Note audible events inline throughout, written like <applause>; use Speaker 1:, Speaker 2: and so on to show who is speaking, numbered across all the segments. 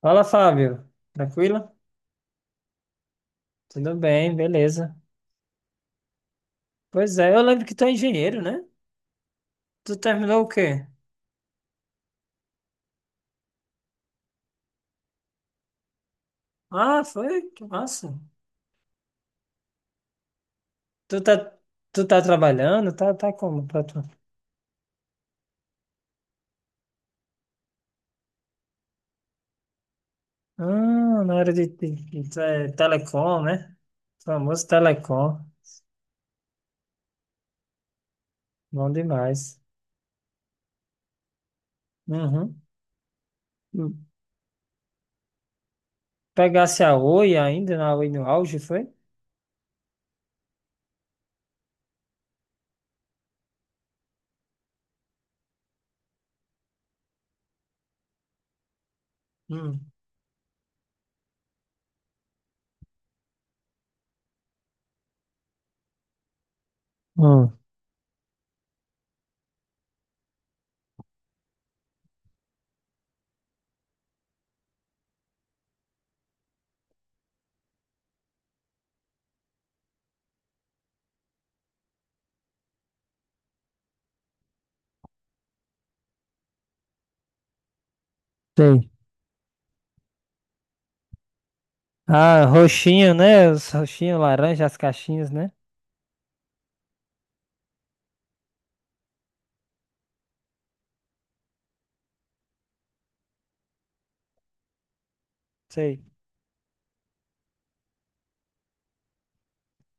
Speaker 1: Fala, Fábio. Tranquilo? Tudo bem, beleza. Pois é, eu lembro que tu é engenheiro, né? Tu terminou o quê? Ah, foi? Que massa. Tu tá, tu tá trabalhando? Tá, como pra tu? Ah, na área de telecom, né? Famoso telecom. Bom demais. Uhum. Hum. Pegasse a Oi ainda, na Oi no auge, foi? Hum. Hum, sei. Ah, roxinho, né? Os roxinhos, laranja, as caixinhas, né? Sei.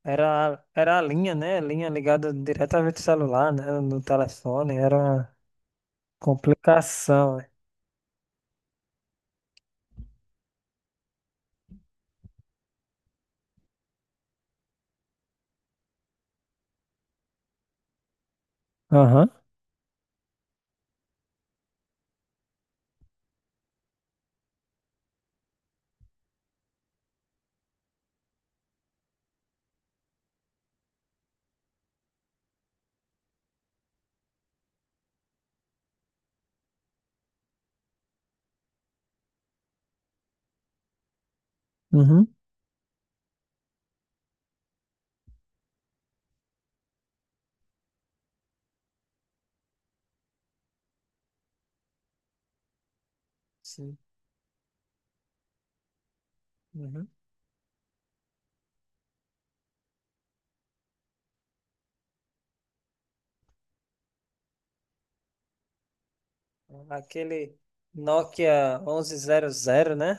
Speaker 1: Era, era a linha, né? Linha ligada diretamente ao celular, né? No telefone, era uma complicação, né? Aham, uhum. Sim. Uhum. Aquele Nokia 1100, né?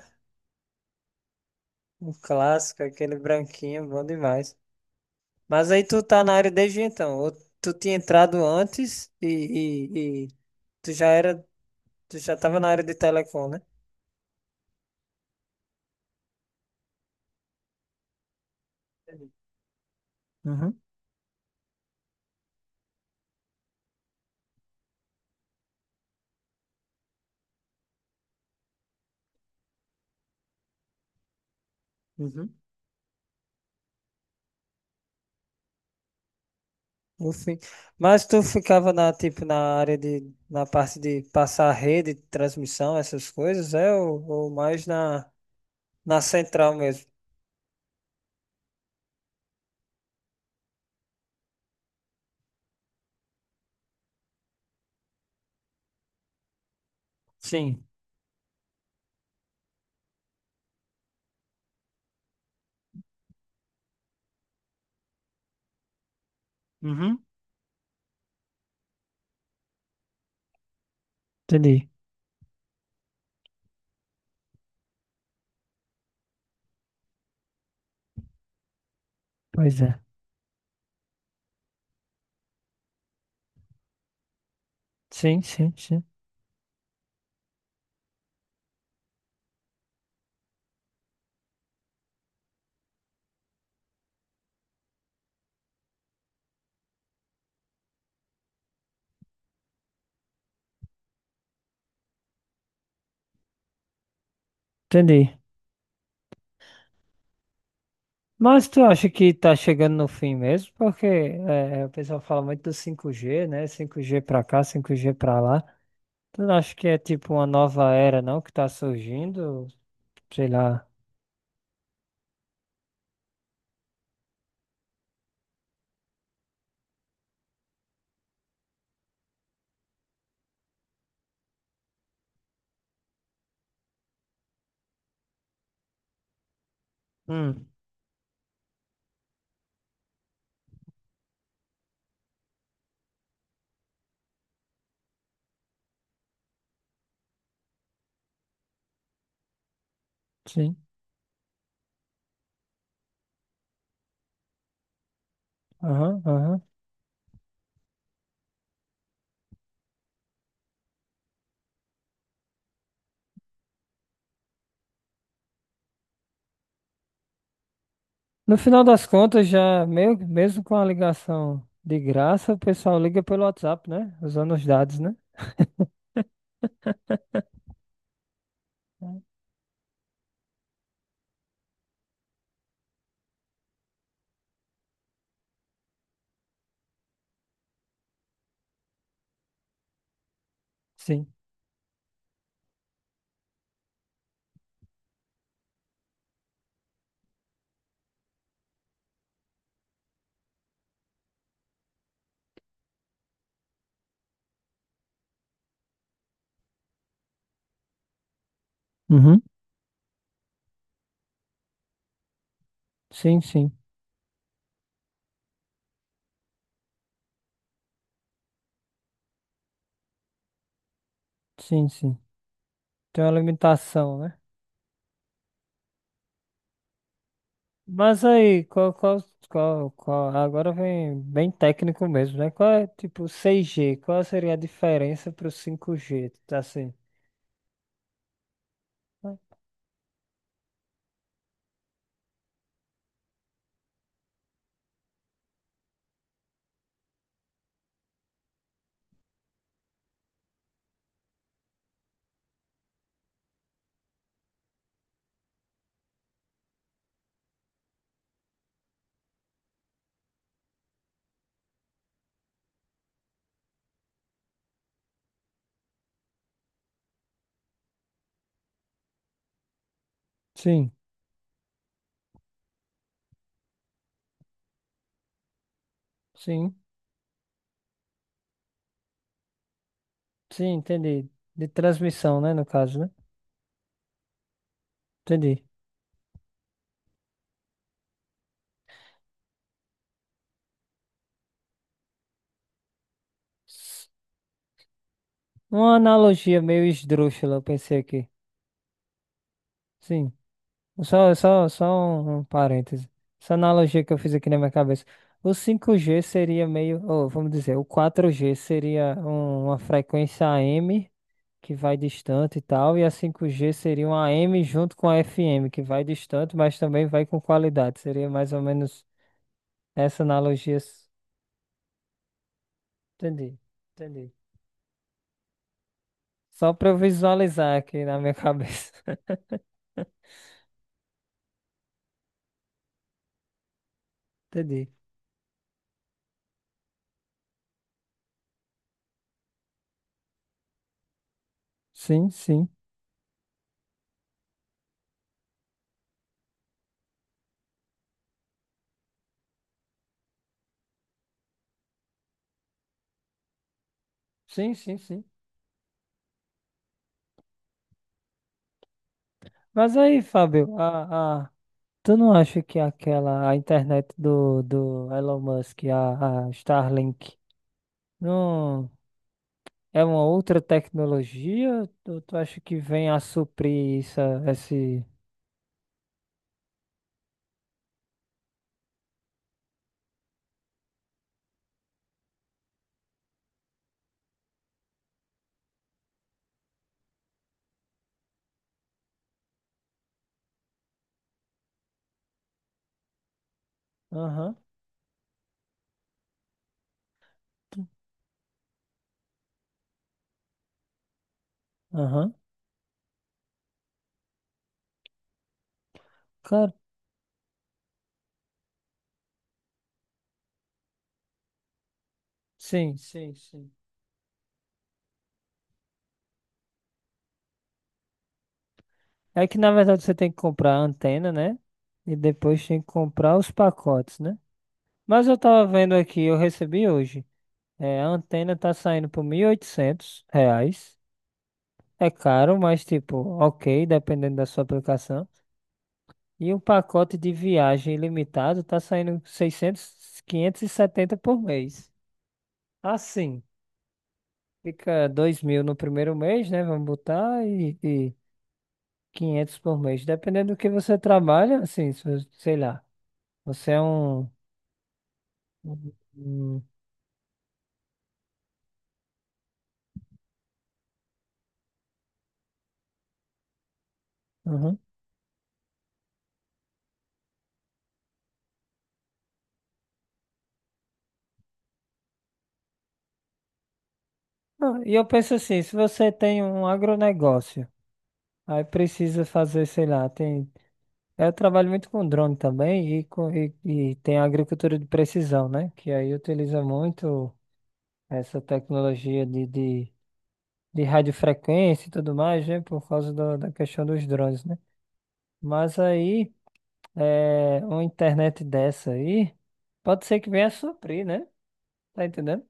Speaker 1: Um clássico, aquele branquinho, bom demais. Mas aí tu tá na área desde então, ou tu tinha entrado antes e tu já era, tu já tava na área de telecom, né? Entendi. Uhum. No fim. Mas tu ficava na, tipo, na área de, na parte de passar a rede, de transmissão, essas coisas, é? Ou mais na, na central mesmo? Sim. Uhum. Entendi. Pois é. Sim, sim, sim. Entendi. Mas tu acha que tá chegando no fim mesmo? Porque o pessoal fala muito do 5G, né? 5G pra cá, 5G pra lá. Tu não acha que é tipo uma nova era, não, que tá surgindo? Sei lá. Hum. Sim. Aham, aham. No final das contas, já meio, mesmo com a ligação de graça, o pessoal liga pelo WhatsApp, né? Usando os dados, né? Sim. Uhum. Sim, sim. Sim, sim. Tem uma limitação, né? Mas aí, qual, agora vem bem técnico mesmo, né? Qual é, tipo, 6G? Qual seria a diferença pro 5G? Tá, assim. Sim, sim, sim, entendi. De transmissão, né, no caso, né? Entendi. S- Uma analogia meio esdrúxula, eu pensei aqui. Sim. Só um parêntese. Essa analogia que eu fiz aqui na minha cabeça. O 5G seria meio, ou vamos dizer, o 4G seria uma frequência AM que vai distante e tal, e a 5G seria uma AM junto com a FM que vai distante, mas também vai com qualidade. Seria mais ou menos essa analogia. Entendi, entendi. Só para eu visualizar aqui na minha cabeça. <laughs> Entendi. Sim, sim. Sim, sim, sim. Mas aí, Fábio, tu não acha que aquela, a internet do Elon Musk, a Starlink, não é uma outra tecnologia? Tu acha que vem a suprir isso, esse... Aham, aham, claro. Sim, sim, sim. É que na verdade você tem que comprar a antena, né? E depois tem que comprar os pacotes, né? Mas eu tava vendo aqui, eu recebi hoje. É, a antena tá saindo por R$ 1.800. É caro, mas tipo, ok, dependendo da sua aplicação. E um pacote de viagem ilimitado tá saindo 600, 570 por mês. Assim, fica 2.000 no primeiro mês, né? Vamos botar, e 500 por mês. Dependendo do que você trabalha, assim, se você- sei lá, você é um... um- um- uhum. Ah, e eu penso assim, se você tem um agronegócio, aí precisa fazer, sei lá, tem... Eu trabalho muito com drone também e, com, e tem a agricultura de precisão, né? Que aí utiliza muito... essa tecnologia de radiofrequência e tudo mais, né? Por causa da questão dos drones, né? Mas aí, é, uma internet dessa aí, pode ser que venha a suprir, né? Tá entendendo?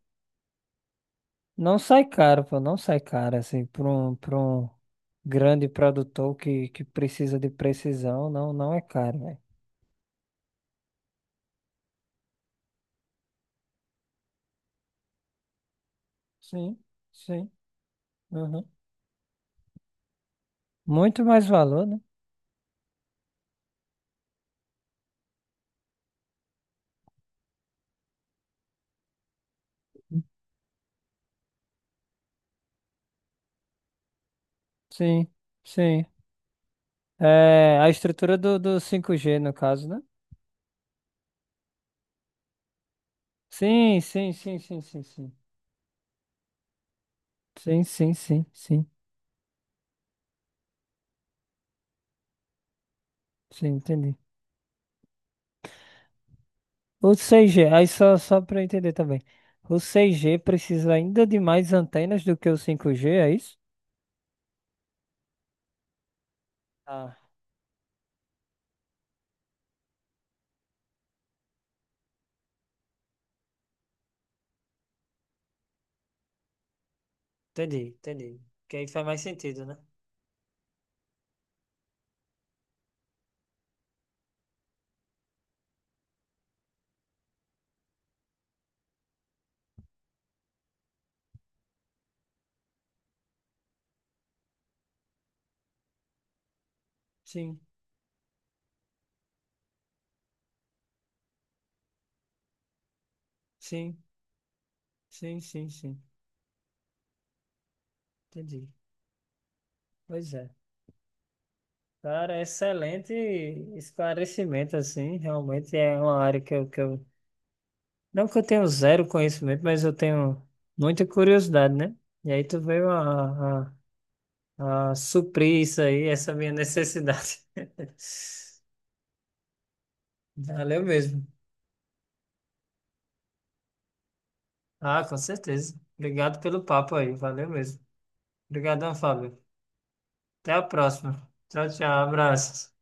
Speaker 1: Não sai caro, pô, não sai caro, assim, para um grande produtor que precisa de precisão, não, não é caro, velho. Sim, sim. Uhum. Muito mais valor, né? Sim, sim. É, a estrutura do 5G, no caso, né? Sim, sim, sim, sim, sim, sim. Sim, sim, sim, sim, sim, entendi. O 6G, aí só para entender também. O 6G precisa ainda de mais antenas do que o 5G, é isso? Ah, entendi, entendi. Que aí faz mais sentido, né? Sim, sim, sim, sim, sim. Entendi. Pois é. Cara, excelente esclarecimento, assim. Realmente é uma área que eu. Não que eu tenho zero conhecimento, mas eu tenho muita curiosidade, né? E aí tu veio ah, suprir isso aí, essa minha necessidade. <laughs> Valeu mesmo. Ah, com certeza. Obrigado pelo papo aí. Valeu mesmo. Obrigadão, Fábio. Até a próxima. Tchau, tchau. Abraços.